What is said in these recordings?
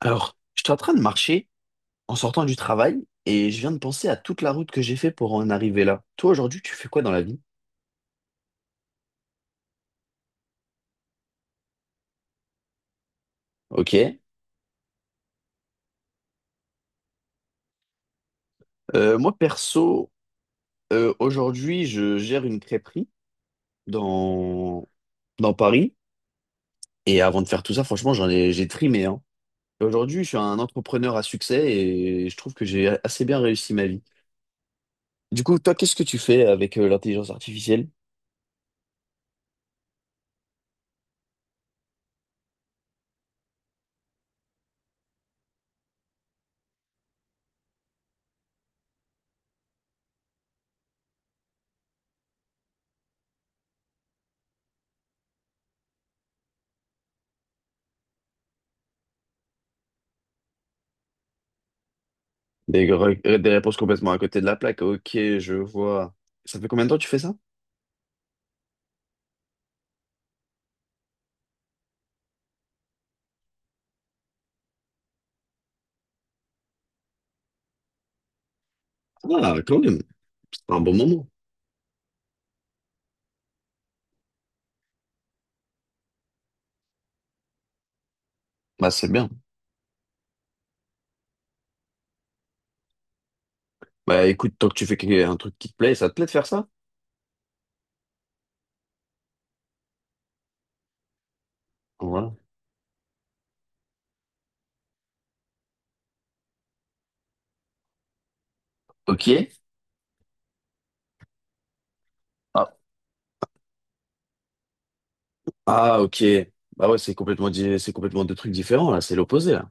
Alors, j'étais en train de marcher en sortant du travail et je viens de penser à toute la route que j'ai fait pour en arriver là. Toi, aujourd'hui, tu fais quoi dans la vie? Ok. Moi, perso, aujourd'hui, je gère une crêperie dans, dans Paris. Et avant de faire tout ça, franchement, j'ai trimé, hein. Et aujourd'hui, je suis un entrepreneur à succès et je trouve que j'ai assez bien réussi ma vie. Du coup, toi, qu'est-ce que tu fais avec l'intelligence artificielle? Des réponses complètement à côté de la plaque. Ok, je vois. Ça fait combien de temps que tu fais ça? Ah, quand même. Un bon moment. Bah, c'est bien. Bah, écoute, tant que tu fais un truc qui te plaît, ça te plaît de faire ça? Voilà. Ok. Ah, Ah, ok. Bah ouais, c'est c'est complètement deux trucs différents, là. C'est l'opposé, là.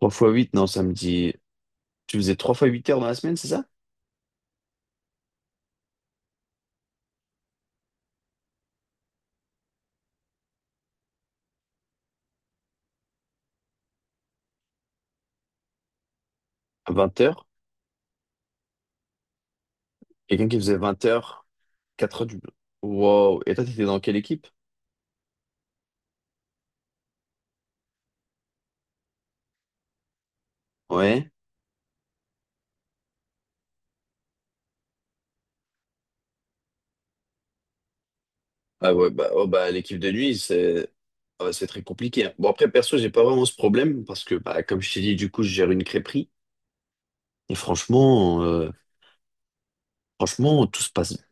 Trois fois huit non, ça me dit... Tu faisais 3 fois 8 heures dans la semaine, c'est ça? À 20 heures? Quelqu'un qui faisait 20 heures, 4 heures du... Wow. Et toi, t'étais dans quelle équipe? Ouais. Ah ouais, bah, oh bah, l'équipe de nuit, c'est ah bah, c'est très compliqué, hein. Bon, après, perso, j'ai pas vraiment ce problème parce que, bah, comme je t'ai dit, du coup, je gère une crêperie. Et franchement, tout se passe bien.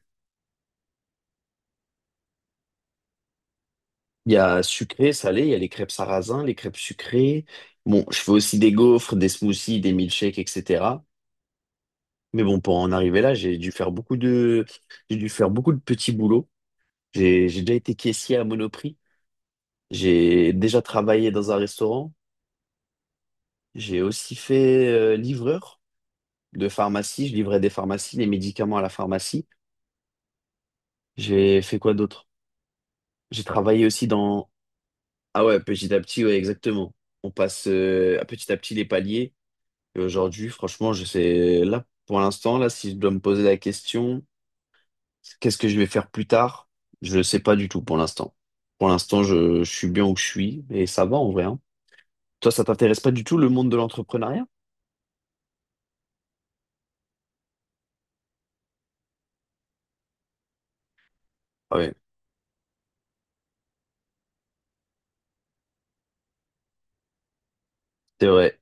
Il y a sucré, salé, il y a les crêpes sarrasin, les crêpes sucrées. Bon, je fais aussi des gaufres, des smoothies, des milkshakes, etc. Mais bon, pour en arriver là, j'ai dû faire beaucoup de petits boulots. J'ai déjà été caissier à Monoprix. J'ai déjà travaillé dans un restaurant. J'ai aussi fait livreur de pharmacie. Je livrais des pharmacies, les médicaments à la pharmacie. J'ai fait quoi d'autre? J'ai travaillé aussi dans... Ah ouais, petit à petit, ouais, exactement. On passe à petit les paliers. Et aujourd'hui, franchement, je sais... Là, pour l'instant, là, si je dois me poser la question, qu'est-ce que je vais faire plus tard? Je ne sais pas du tout pour l'instant. Pour l'instant, je suis bien où je suis et ça va en vrai, hein. Toi, ça t'intéresse pas du tout le monde de l'entrepreneuriat? Ah ouais, c'est vrai.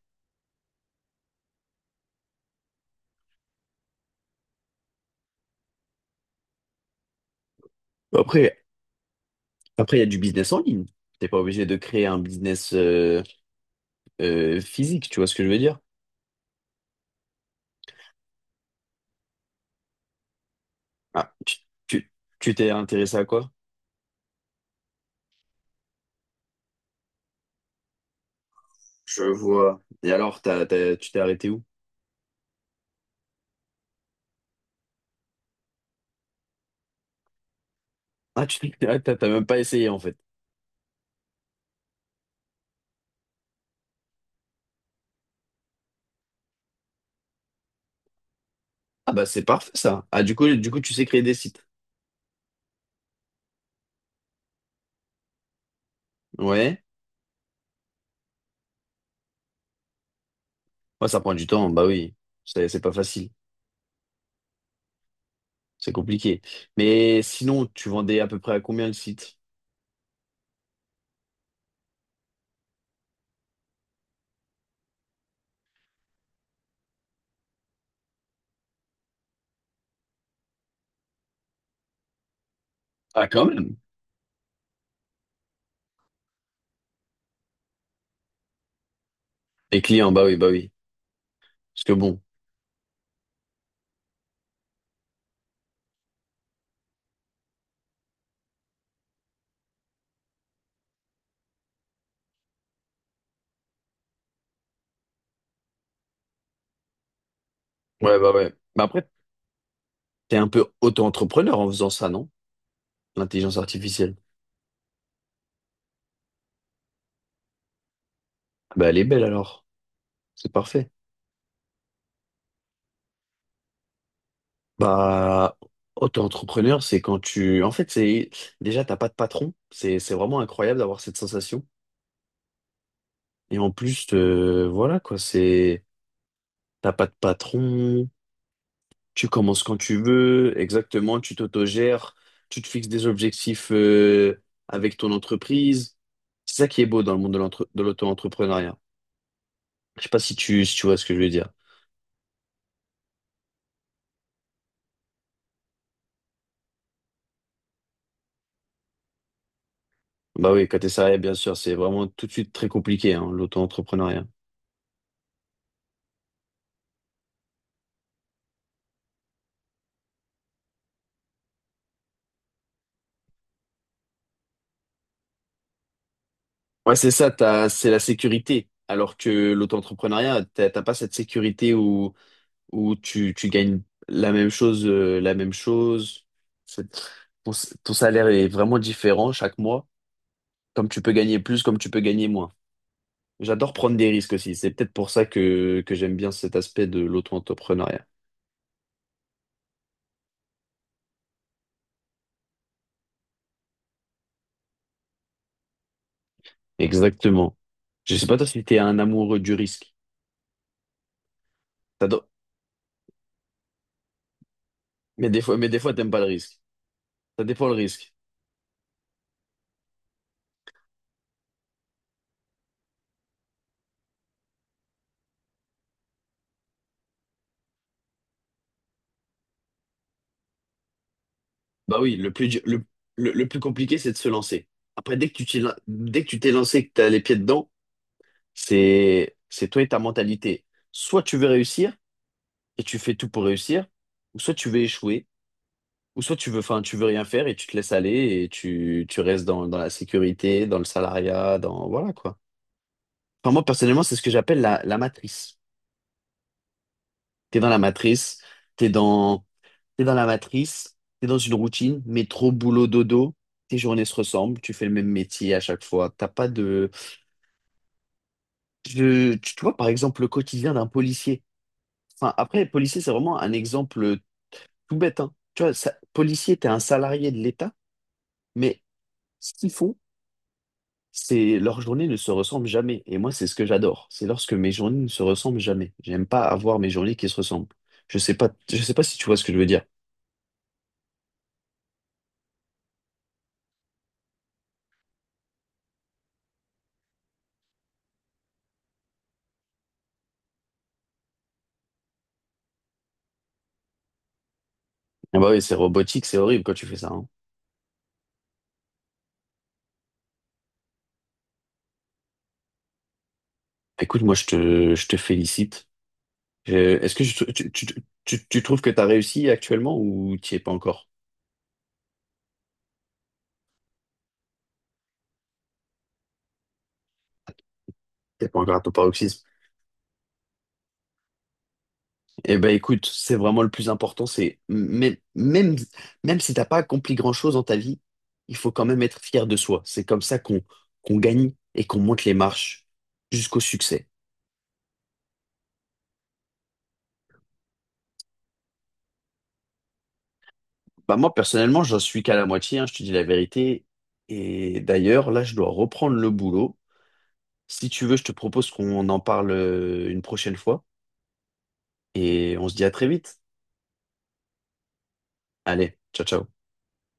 Après, il y a du business en ligne. T'es pas obligé de créer un business physique, tu vois ce que je veux dire? Ah, tu, tu t'es intéressé à quoi? Je vois. Et alors, tu t'es arrêté où? Ah, tu t'es- ah, t'as t'as même pas essayé en fait. Ah bah c'est parfait ça. Ah du coup, tu sais créer des sites. Ouais. Ouais, ça prend du temps, bah oui. C'est pas facile. C'est compliqué. Mais sinon, tu vendais à peu près à combien le site? Ah, quand même. Les clients, bah oui, bah oui. Parce que bon, ouais, bah ouais. Mais après, t'es un peu auto-entrepreneur en faisant ça, non? L'intelligence artificielle. Bah elle est belle alors. C'est parfait. Bah, auto-entrepreneur, c'est quand tu... En fait, c'est déjà, t'as pas de patron. C'est vraiment incroyable d'avoir cette sensation. Et en plus, voilà quoi, c'est... T'as pas de patron, tu commences quand tu veux, exactement, tu t'autogères, tu te fixes des objectifs avec ton entreprise. C'est ça qui est beau dans le monde de l'auto-entrepreneuriat. Je sais pas si tu vois ce que je veux dire. Bah oui, côté salarié, bien sûr, c'est vraiment tout de suite très compliqué, hein, l'auto-entrepreneuriat. Ouais, c'est ça, c'est la sécurité. Alors que l'auto-entrepreneuriat, t'as pas cette sécurité où tu gagnes la même chose. C'est- Ton, ton salaire est vraiment différent chaque mois. Comme tu peux gagner plus, comme tu peux gagner moins. J'adore prendre des risques aussi. C'est peut-être pour ça que j'aime bien cet aspect de l'auto-entrepreneuriat. Exactement. Je sais pas toi si t'es un amoureux du risque. T'adores- Mais des fois, t'aimes pas le risque. Ça dépend le risque. Bah oui, le plus, du- le plus compliqué, c'est de se lancer. Après, dès que tu t'es lancé, que tu as les pieds dedans, c'est toi et ta mentalité. Soit tu veux réussir et tu fais tout pour réussir, ou soit tu veux échouer, ou soit enfin, tu veux rien faire et tu te laisses aller et tu restes dans la sécurité, dans le salariat, dans, voilà quoi. Enfin, moi, personnellement, c'est ce que j'appelle la matrice. T'es dans la matrice, t'es dans, T'es dans la matrice, t'es dans une routine, métro, boulot, dodo, tes journées se ressemblent, tu fais le même métier à chaque fois. T'as pas de. Tu vois, par exemple, le quotidien d'un policier. Enfin, après, policier c'est vraiment un exemple tout bête, hein. Tu vois, ça, policier, t'es un salarié de l'État, mais ce qu'ils font, c'est leurs journées ne se ressemblent jamais. Et moi, c'est ce que j'adore. C'est lorsque mes journées ne se ressemblent jamais. J'aime pas avoir mes journées qui se ressemblent. Je sais pas si tu vois ce que je veux dire. Ah bah oui, c'est robotique, c'est horrible quand tu fais ça, hein. Écoute, moi, je te félicite. Est-ce que tu trouves que tu as réussi actuellement ou tu es pas encore? T'es pas encore à ton paroxysme. Eh ben écoute, c'est vraiment le plus important, c'est même si t'as pas accompli grand-chose dans ta vie, il faut quand même être fier de soi. C'est comme ça qu'on gagne et qu'on monte les marches jusqu'au succès. Bah moi personnellement, j'en suis qu'à la moitié, hein, je te dis la vérité. Et d'ailleurs, là, je dois reprendre le boulot. Si tu veux, je te propose qu'on en parle une prochaine fois et on se dit à très vite. Allez, ciao, ciao.